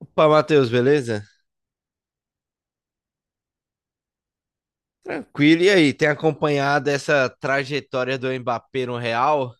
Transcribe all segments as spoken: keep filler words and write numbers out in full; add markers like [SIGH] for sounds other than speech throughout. Opa, Matheus, beleza? Tranquilo. E aí, tem acompanhado essa trajetória do Mbappé no Real?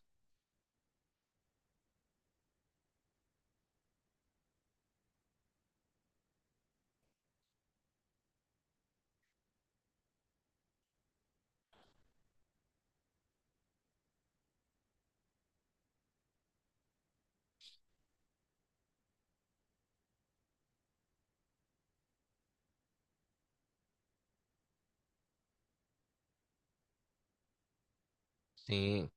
Sim.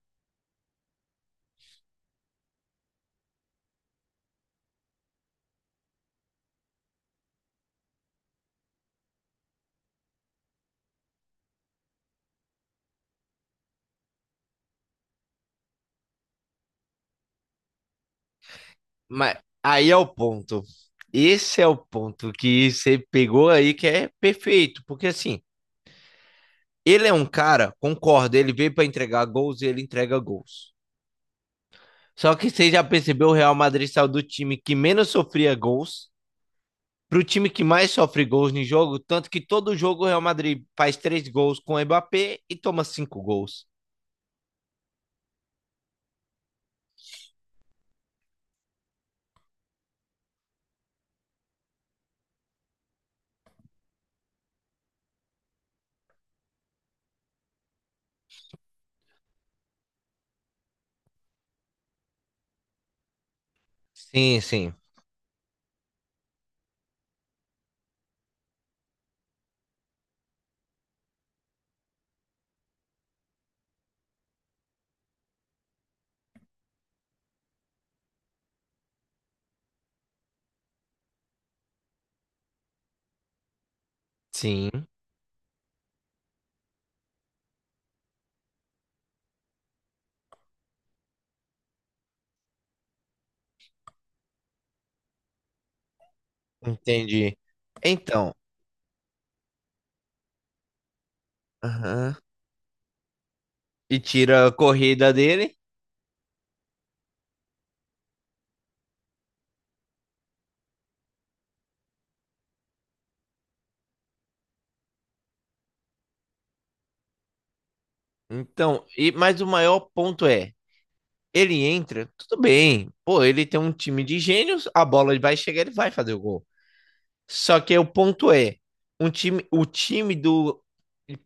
Mas aí é o ponto. Esse é o ponto que você pegou aí que é perfeito, porque assim, ele é um cara, concordo, ele veio para entregar gols e ele entrega gols. Só que você já percebeu, o Real Madrid saiu do time que menos sofria gols para o time que mais sofre gols no jogo, tanto que todo jogo o Real Madrid faz três gols com o Mbappé e toma cinco gols. Sim, sim. Sim. Entendi. Então, aham. E tira a corrida dele. Então, e mas o maior ponto é, ele entra, tudo bem. Pô, ele tem um time de gênios, a bola vai chegar, ele vai fazer o gol. Só que o ponto é, um time, o time do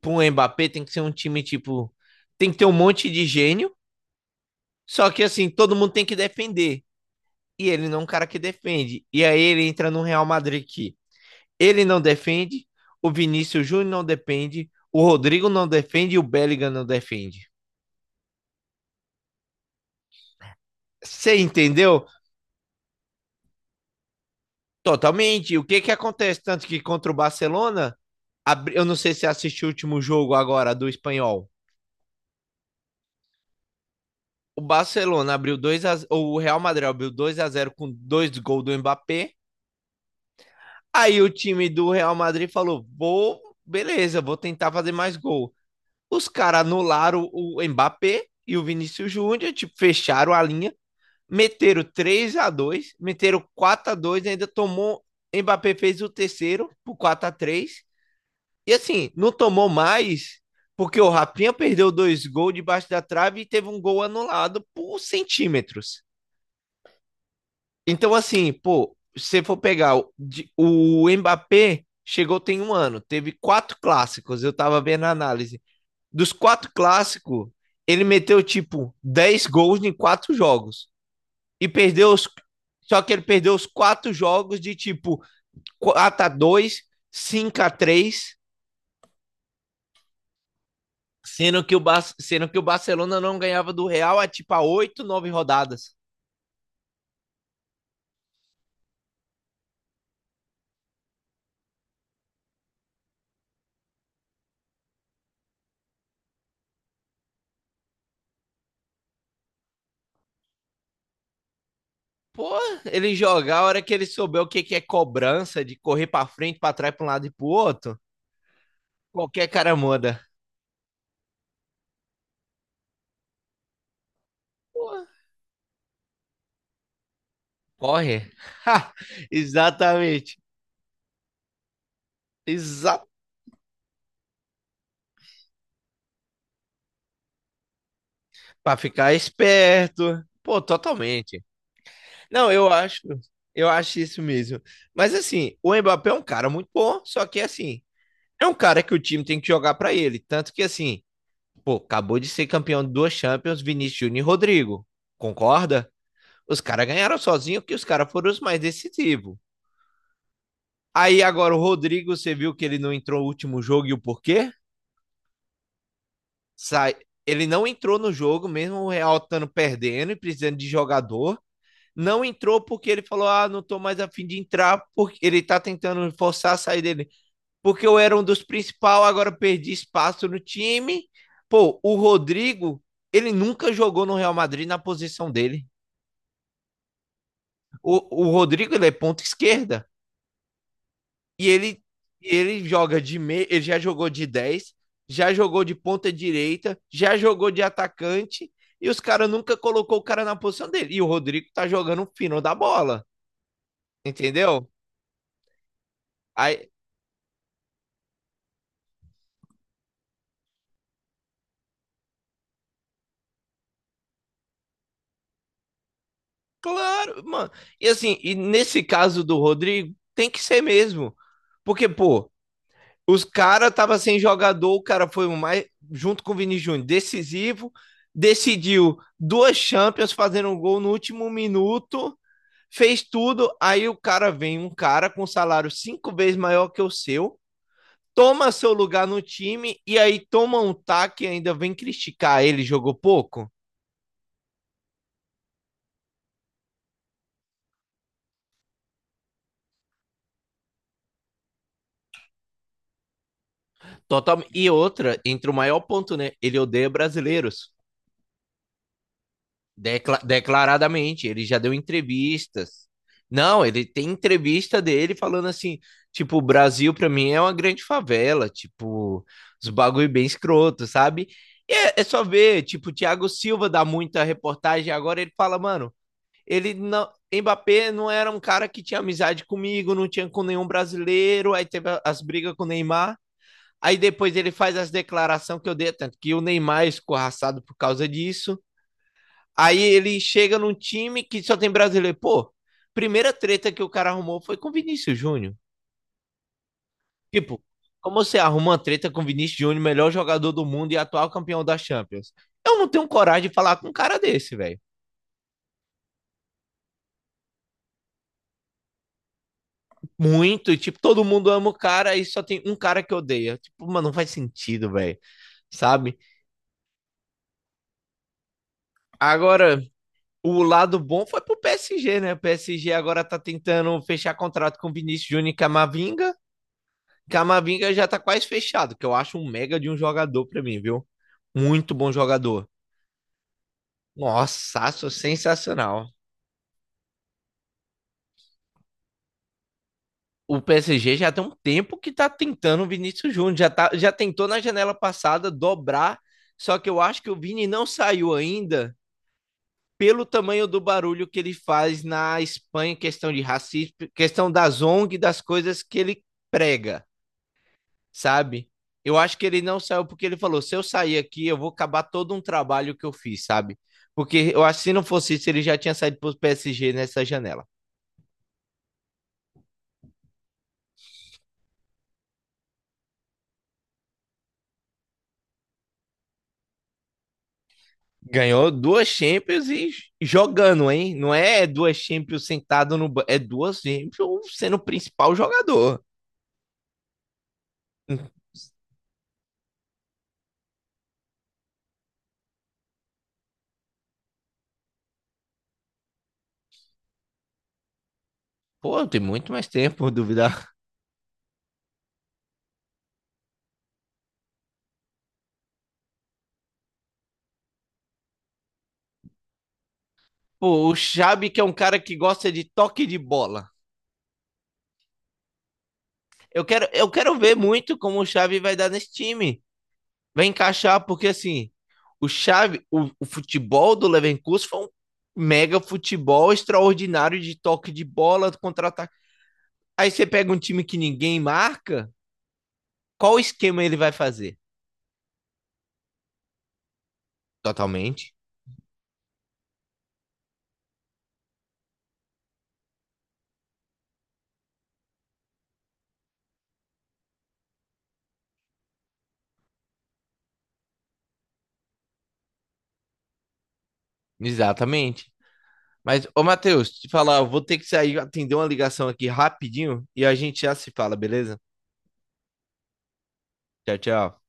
pro Mbappé tem que ser um time tipo, tem que ter um monte de gênio, só que assim, todo mundo tem que defender. E ele não é um cara que defende. E aí ele entra no Real Madrid. Ele não defende, o Vinícius Júnior não defende, o Rodrigo não defende e o Bellingham não defende. Você entendeu? Totalmente. O que que acontece? Tanto que contra o Barcelona, abri... eu não sei se assistiu o último jogo agora do Espanhol. O Barcelona abriu dois a... zero, o Real Madrid abriu dois a zero com dois gols do Mbappé. Aí o time do Real Madrid falou: "Vou, beleza, vou tentar fazer mais gol". Os caras anularam o Mbappé e o Vinícius Júnior, tipo, fecharam a linha. Meteram três a dois, meteram quatro a dois, ainda tomou. Mbappé fez o terceiro por quatro a três. E assim, não tomou mais, porque o Rapinha perdeu dois gols debaixo da trave e teve um gol anulado por centímetros. Então, assim, pô, se for pegar o, o Mbappé, chegou tem um ano, teve quatro clássicos, eu tava vendo a análise. Dos quatro clássicos, ele meteu tipo dez gols em quatro jogos. E perdeu os. Só que ele perdeu os quatro jogos de tipo quatro a dois, cinco a três, sendo que, o Bar... sendo que o Barcelona não ganhava do Real há tipo a oito nove rodadas. Pô, ele jogar a hora que ele souber o que, que é cobrança, de correr pra frente, pra trás, pra um lado e pro outro, qualquer cara manda. Pô, corre. [LAUGHS] Exatamente. Exato. Pra ficar esperto. Pô, totalmente. Não, eu acho, eu acho isso mesmo. Mas assim, o Mbappé é um cara muito bom, só que assim, é um cara que o time tem que jogar pra ele, tanto que assim, pô, acabou de ser campeão de duas Champions, Vinícius Júnior e Rodrigo. Concorda? Os caras ganharam sozinho que os caras foram os mais decisivos. Aí agora o Rodrigo, você viu que ele não entrou no último jogo e o porquê? Sai, ele não entrou no jogo mesmo o Real estando perdendo e precisando de jogador. Não entrou porque ele falou: ah, não tô mais afim de entrar, porque ele tá tentando forçar a sair dele. Porque eu era um dos principais, agora perdi espaço no time. Pô, o Rodrigo, ele nunca jogou no Real Madrid na posição dele. O, o Rodrigo, ele é ponta esquerda. E ele, ele joga de meio, ele já jogou de dez, já jogou de ponta direita, já jogou de atacante. E os caras nunca colocou o cara na posição dele. E o Rodrigo tá jogando o fino da bola, entendeu? Aí, claro, mano. E assim, e nesse caso do Rodrigo, tem que ser mesmo. Porque, pô, os caras tava sem jogador, o cara foi o mais, junto com o Vini Júnior, decisivo, decidiu duas Champions fazendo um gol no último minuto, fez tudo, aí o cara vem, um cara com salário cinco vezes maior que o seu, toma seu lugar no time e aí toma um taque e ainda vem criticar ele, jogou pouco. Total... E outra, entre o maior ponto, né? Ele odeia brasileiros. Decla- declaradamente, ele já deu entrevistas. Não, ele tem entrevista dele falando assim, tipo, o Brasil pra mim é uma grande favela, tipo, os bagulho bem escroto, sabe? E é, é só ver, tipo, o Thiago Silva dá muita reportagem agora, ele fala, mano, ele não, Mbappé não era um cara que tinha amizade comigo, não tinha com nenhum brasileiro, aí teve as brigas com o Neymar. Aí depois ele faz as declarações que eu dei, tanto que o Neymar é escorraçado por causa disso. Aí ele chega num time que só tem brasileiro. Pô, primeira treta que o cara arrumou foi com o Vinícius Júnior. Tipo, como você arruma uma treta com o Vinícius Júnior, melhor jogador do mundo e atual campeão da Champions? Eu não tenho coragem de falar com um cara desse, velho. Muito, tipo, todo mundo ama o cara e só tem um cara que odeia. Tipo, mano, não faz sentido, velho. Sabe? Agora, o lado bom foi pro P S G, né? O P S G agora tá tentando fechar contrato com o Vinícius Júnior e Camavinga. Camavinga já tá quase fechado, que eu acho um mega de um jogador pra mim, viu? Muito bom jogador. Nossa, acho sensacional. O P S G já tem um tempo que tá tentando o Vinícius Júnior, já, tá, já tentou na janela passada dobrar, só que eu acho que o Vini não saiu ainda pelo tamanho do barulho que ele faz na Espanha, questão de racismo, questão das O N G, das coisas que ele prega. Sabe? Eu acho que ele não saiu porque ele falou: se eu sair aqui, eu vou acabar todo um trabalho que eu fiz, sabe? Porque eu acho que se não fosse isso, ele já tinha saído pro P S G nessa janela. Ganhou duas Champions e jogando, hein? Não é duas Champions sentado no banco, é duas Champions sendo o principal jogador. Pô, tem muito mais tempo, por duvidar. Pô, o Xabi que é um cara que gosta de toque de bola. Eu quero, eu quero ver muito como o Xabi vai dar nesse time. Vai encaixar, porque assim, o chave, o, o futebol do Leverkusen foi um mega futebol extraordinário de toque de bola, contra-ataque. Aí você pega um time que ninguém marca, qual esquema ele vai fazer? Totalmente. Exatamente. Mas, ô Matheus, te falar, eu vou ter que sair atender uma ligação aqui rapidinho e a gente já se fala, beleza? Tchau, tchau.